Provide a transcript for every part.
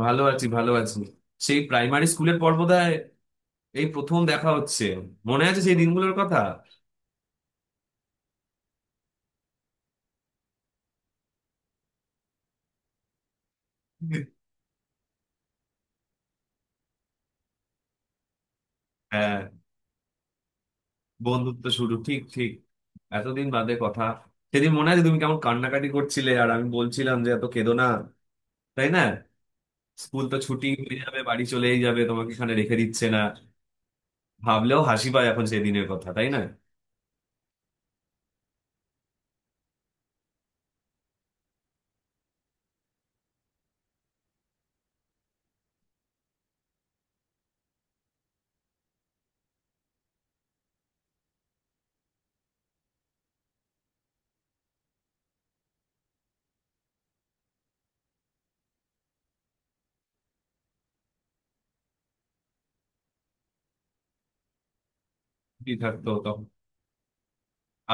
ভালো আছি, ভালো আছি। সেই প্রাইমারি স্কুলের পর বোধহয় এই প্রথম দেখা হচ্ছে। মনে আছে সেই দিনগুলোর কথা? হ্যাঁ। বন্ধুত্ব শুরু, ঠিক ঠিক। এতদিন বাদে কথা। সেদিন মনে আছে তুমি কেমন কান্নাকাটি করছিলে আর আমি বলছিলাম যে এত কেঁদো না। তাই না? স্কুল তো ছুটি হয়ে যাবে, বাড়ি চলেই যাবে, তোমাকে এখানে রেখে দিচ্ছে না। ভাবলেও হাসি পায় এখন সেই দিনের কথা, তাই না? ছুটি থাকতো তখন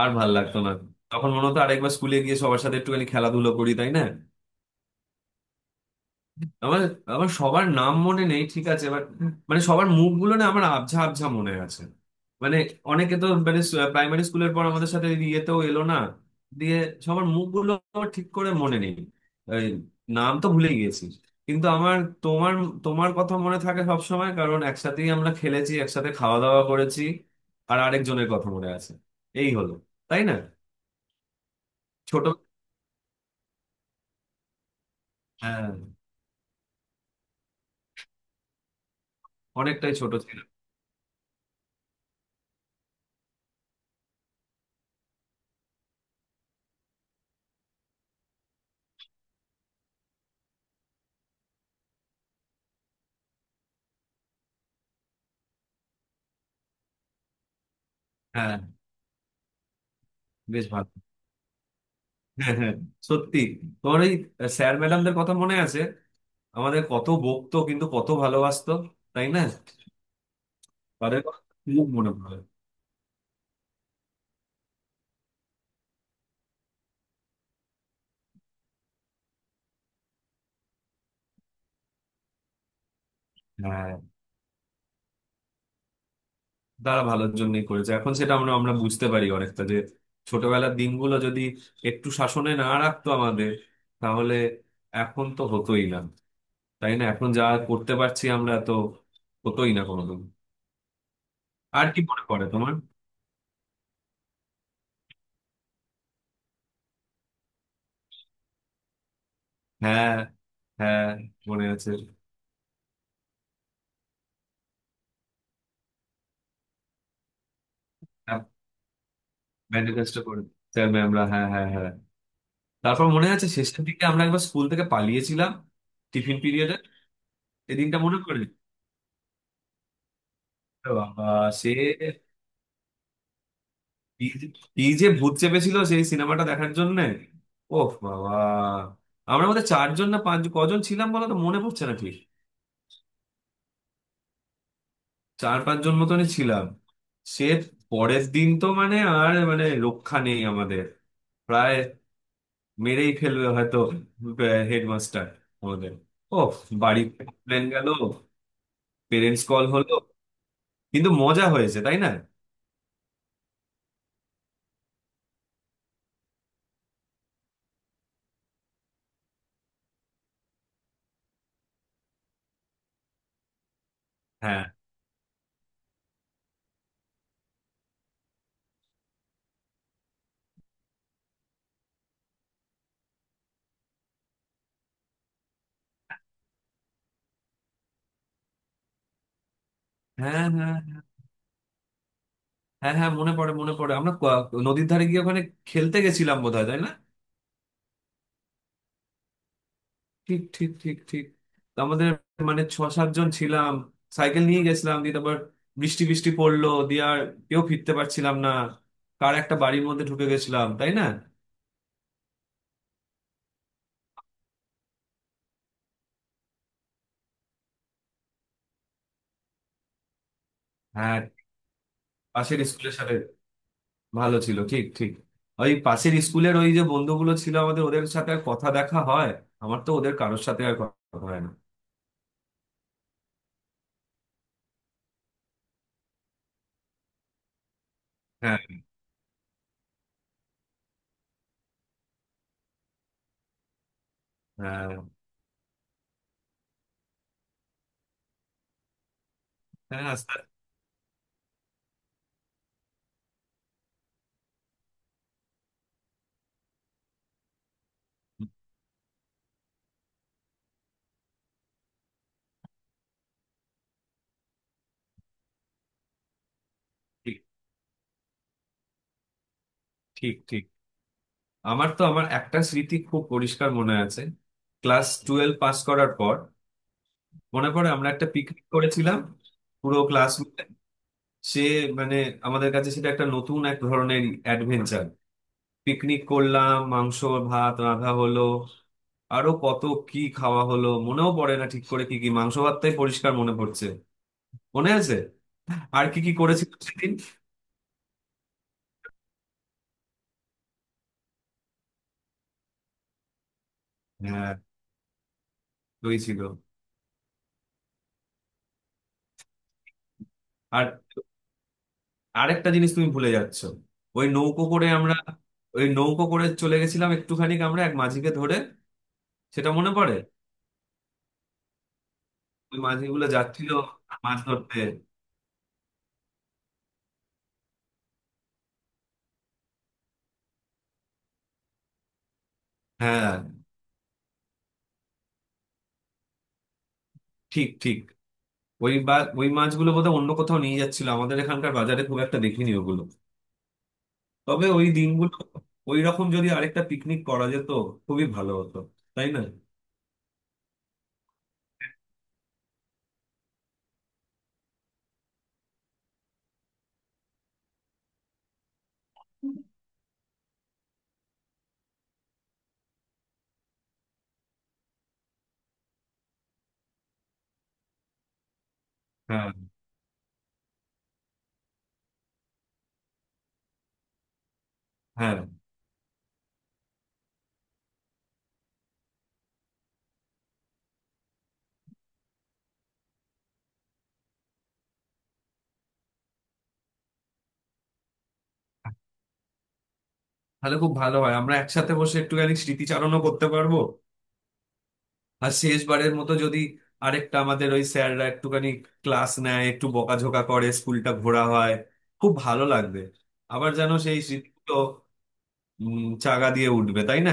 আর ভাল লাগতো না। তখন মনে হতো আরেকবার স্কুলে গিয়ে সবার সাথে একটুখানি খেলাধুলো করি, তাই না? আমার আমার সবার নাম মনে নেই, ঠিক আছে, বাট মানে সবার মুখগুলো না আমার আবঝা আবঝা মনে আছে। মানে অনেকে তো মানে প্রাইমারি স্কুলের পর আমাদের সাথে ইয়েতেও এলো না। দিয়ে সবার মুখগুলো আমার ঠিক করে মনে নেই। এই, নাম তো ভুলে গিয়েছি। কিন্তু আমার তোমার তোমার কথা মনে থাকে সব সময়, কারণ একসাথেই আমরা খেলেছি, একসাথে খাওয়া দাওয়া করেছি। আর আরেকজনের কথা মনে আছে। এই হলো, তাই না? ছোট। হ্যাঁ। অনেকটাই ছোট ছিল। হ্যাঁ। বেশ ভালো। হ্যাঁ হ্যাঁ। সত্যি। তোমার ওই স্যার ম্যাডামদের কথা মনে আছে? আমাদের কত বকতো কিন্তু কত ভালোবাসতো, তাই না? তাদের কথা খুব মনে পড়ে। হ্যাঁ। তারা ভালোর জন্যই করেছে, এখন সেটা আমরা আমরা বুঝতে পারি অনেকটা, যে ছোটবেলার দিনগুলো যদি একটু শাসনে না রাখতো আমাদের, তাহলে এখন তো হতোই না। তাই না? এখন যা করতে পারছি আমরা তো হতোই না কোনোদিন। আর কি মনে পড়ে তোমার? হ্যাঁ হ্যাঁ, মনে আছে। হ্যাঁ, ম্যানিফেস্টো করে স্যার ম্যামরা। হ্যাঁ হ্যাঁ হ্যাঁ। তারপর মনে আছে শেষের দিকে আমরা একবার স্কুল থেকে পালিয়েছিলাম, টিফিন পিরিয়ডে। সেদিনটা মনে পড়ে। এ বাবা। সে কি যে কি যে ভূত চেপেছিল সেই সিনেমাটা দেখার জন্য। ওহ বাবা। আমরা মধ্যে চারজন না পাঁচ কজন ছিলাম বলো তো, মনে পড়ছে না ঠিক। চার পাঁচজন মতনই ছিলাম। সে পরের দিন তো মানে আর মানে রক্ষা নেই আমাদের, প্রায় মেরেই ফেলবে হয়তো হেডমাস্টার আমাদের। ও, বাড়িতে প্লেন গেল, পেরেন্টস কল হলো। কিন্তু মজা হয়েছে, তাই না? হ্যাঁ হ্যাঁ হ্যাঁ হ্যাঁ হ্যাঁ। মনে পড়ে আমরা নদীর ধারে গিয়ে ওখানে খেলতে গেছিলাম বোধহয়, তাই না? ঠিক ঠিক ঠিক ঠিক। তো আমাদের মানে ছ সাতজন ছিলাম, সাইকেল নিয়ে গেছিলাম, দিয়ে তারপর বৃষ্টি বৃষ্টি পড়লো, দিয়ে আর কেউ ফিরতে পারছিলাম না। কার একটা বাড়ির মধ্যে ঢুকে গেছিলাম, তাই না? হ্যাঁ। পাশের স্কুলের সাথে। ভালো ছিল, ঠিক ঠিক। ওই পাশের স্কুলের ওই যে বন্ধুগুলো ছিল আমাদের, ওদের সাথে আর কথা দেখা হয়। আমার তো ওদের কারোর সাথে আর কথা হয় না। হ্যাঁ হ্যাঁ হ্যাঁ। হ্যাঁ, আস্তে। ঠিক ঠিক ঠিক। আমার তো আমার একটা স্মৃতি খুব পরিষ্কার মনে আছে। ক্লাস টুয়েলভ পাস করার পর মনে পড়ে আমরা একটা পিকনিক করেছিলাম, পুরো ক্লাস মিলে। সে মানে আমাদের কাছে সেটা একটা নতুন এক ধরনের অ্যাডভেঞ্চার। পিকনিক করলাম, মাংস ভাত রাঁধা হলো, আরো কত কি খাওয়া হলো মনেও পড়ে না ঠিক করে। কি কি মাংস ভাতটাই পরিষ্কার মনে পড়ছে। মনে আছে। আর কি কি করেছিল সেদিন? হ্যাঁ। ওই ছিল। আর আরেকটা জিনিস তুমি ভুলে যাচ্ছ। ওই নৌকো করে আমরা ওই নৌকো করে চলে গেছিলাম একটুখানি, আমরা এক মাঝিকে ধরে। সেটা মনে পড়ে। ওই মাঝিগুলো যাচ্ছিল মাছ ধরতে। হ্যাঁ, ঠিক ঠিক। ওই বা ওই মাছগুলো বোধহয় অন্য কোথাও নিয়ে যাচ্ছিল, আমাদের এখানকার বাজারে খুব একটা দেখিনি ওগুলো। তবে ওই দিনগুলো, ওই রকম যদি আরেকটা পিকনিক করা যেত, খুবই ভালো হতো, তাই না? হ্যাঁ হ্যাঁ। তাহলে খুব ভালো হয়, আমরা একসাথে বসে একটুখানি স্মৃতিচারণও করতে পারবো। আর শেষবারের মতো যদি আরেকটা, আমাদের ওই স্যাররা একটুখানি ক্লাস নেয়, একটু বকাঝকা করে, স্কুলটা ঘোরা হয়, খুব ভালো লাগবে। আবার যেন সেই স্মৃতিগুলো চাগা দিয়ে উঠবে, তাই না?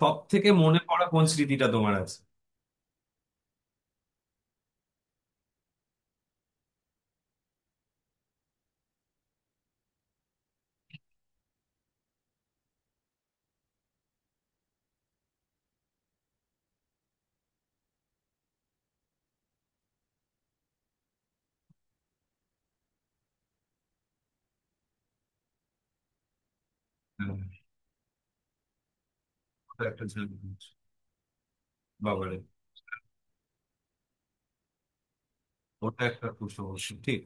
সব থেকে মনে পড়া কোন স্মৃতিটা তোমার আছে? হ্যাঁ, ওটা একটা ঝামেলা। বাবারে। ওটা একটা খুব সমস্যা, ঠিক।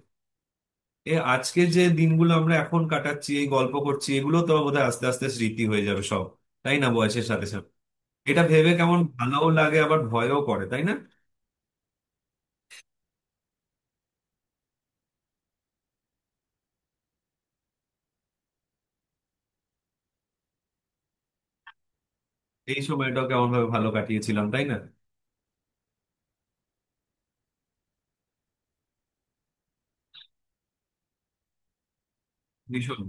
এ আজকে যে দিনগুলো আমরা এখন কাটাচ্ছি, এই গল্প করছি, এগুলো তো বোধহয় আস্তে আস্তে স্মৃতি হয়ে যাবে সব, তাই না, বয়সের সাথে সাথে? এটা ভেবে কেমন ভালোও লাগে আবার ভয়ও করে, তাই না? এই সময়টাও কেমন ভাবে ভালো কাটিয়েছিলাম, তাই না? ভীষণ।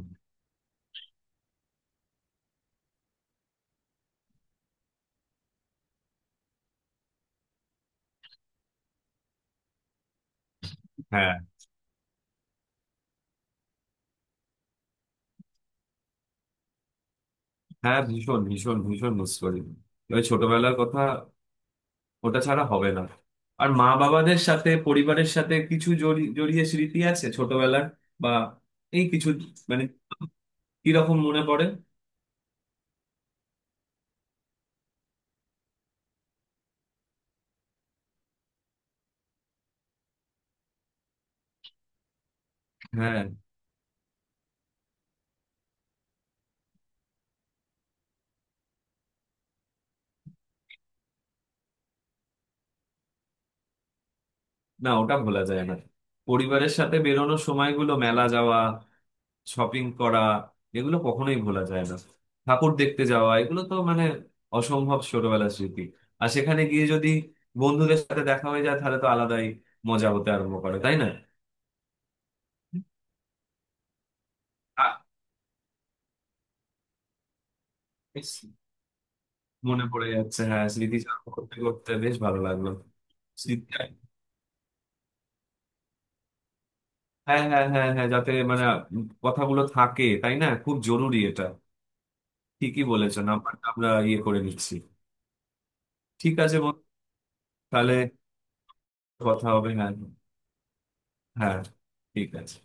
হ্যাঁ হ্যাঁ, ভীষণ ভীষণ ভীষণ মিস করি ওই ছোটবেলার কথা। ওটা ছাড়া হবে না। আর মা বাবাদের সাথে, পরিবারের সাথে কিছু জড়িয়ে স্মৃতি আছে ছোটবেলার। বা এই কিছু মানে কিরকম মনে পড়ে। হ্যাঁ। না, ওটা ভোলা যায় না। পরিবারের সাথে বেরোনোর সময়গুলো, মেলা যাওয়া, শপিং করা, এগুলো কখনোই ভোলা যায় না। ঠাকুর দেখতে যাওয়া, এগুলো তো মানে অসম্ভব ছোটবেলার স্মৃতি। আর সেখানে গিয়ে যদি বন্ধুদের সাথে দেখা হয়ে যায়, তাহলে তো আলাদাই মজা হতে আরম্ভ করে, তাই না? আ- ইস, মনে পড়ে যাচ্ছে। হ্যাঁ, স্মৃতিচারণ করতে করতে বেশ ভালো লাগলো। স্মৃতি- হ্যাঁ হ্যাঁ হ্যাঁ হ্যাঁ, যাতে মানে কথাগুলো থাকে, তাই না? খুব জরুরি এটা। ঠিকই বলেছেন। আমরা আমরা ইয়ে করে নিচ্ছি। ঠিক আছে বন্ধু, তাহলে কথা হবে। হ্যাঁ হ্যাঁ। ঠিক আছে।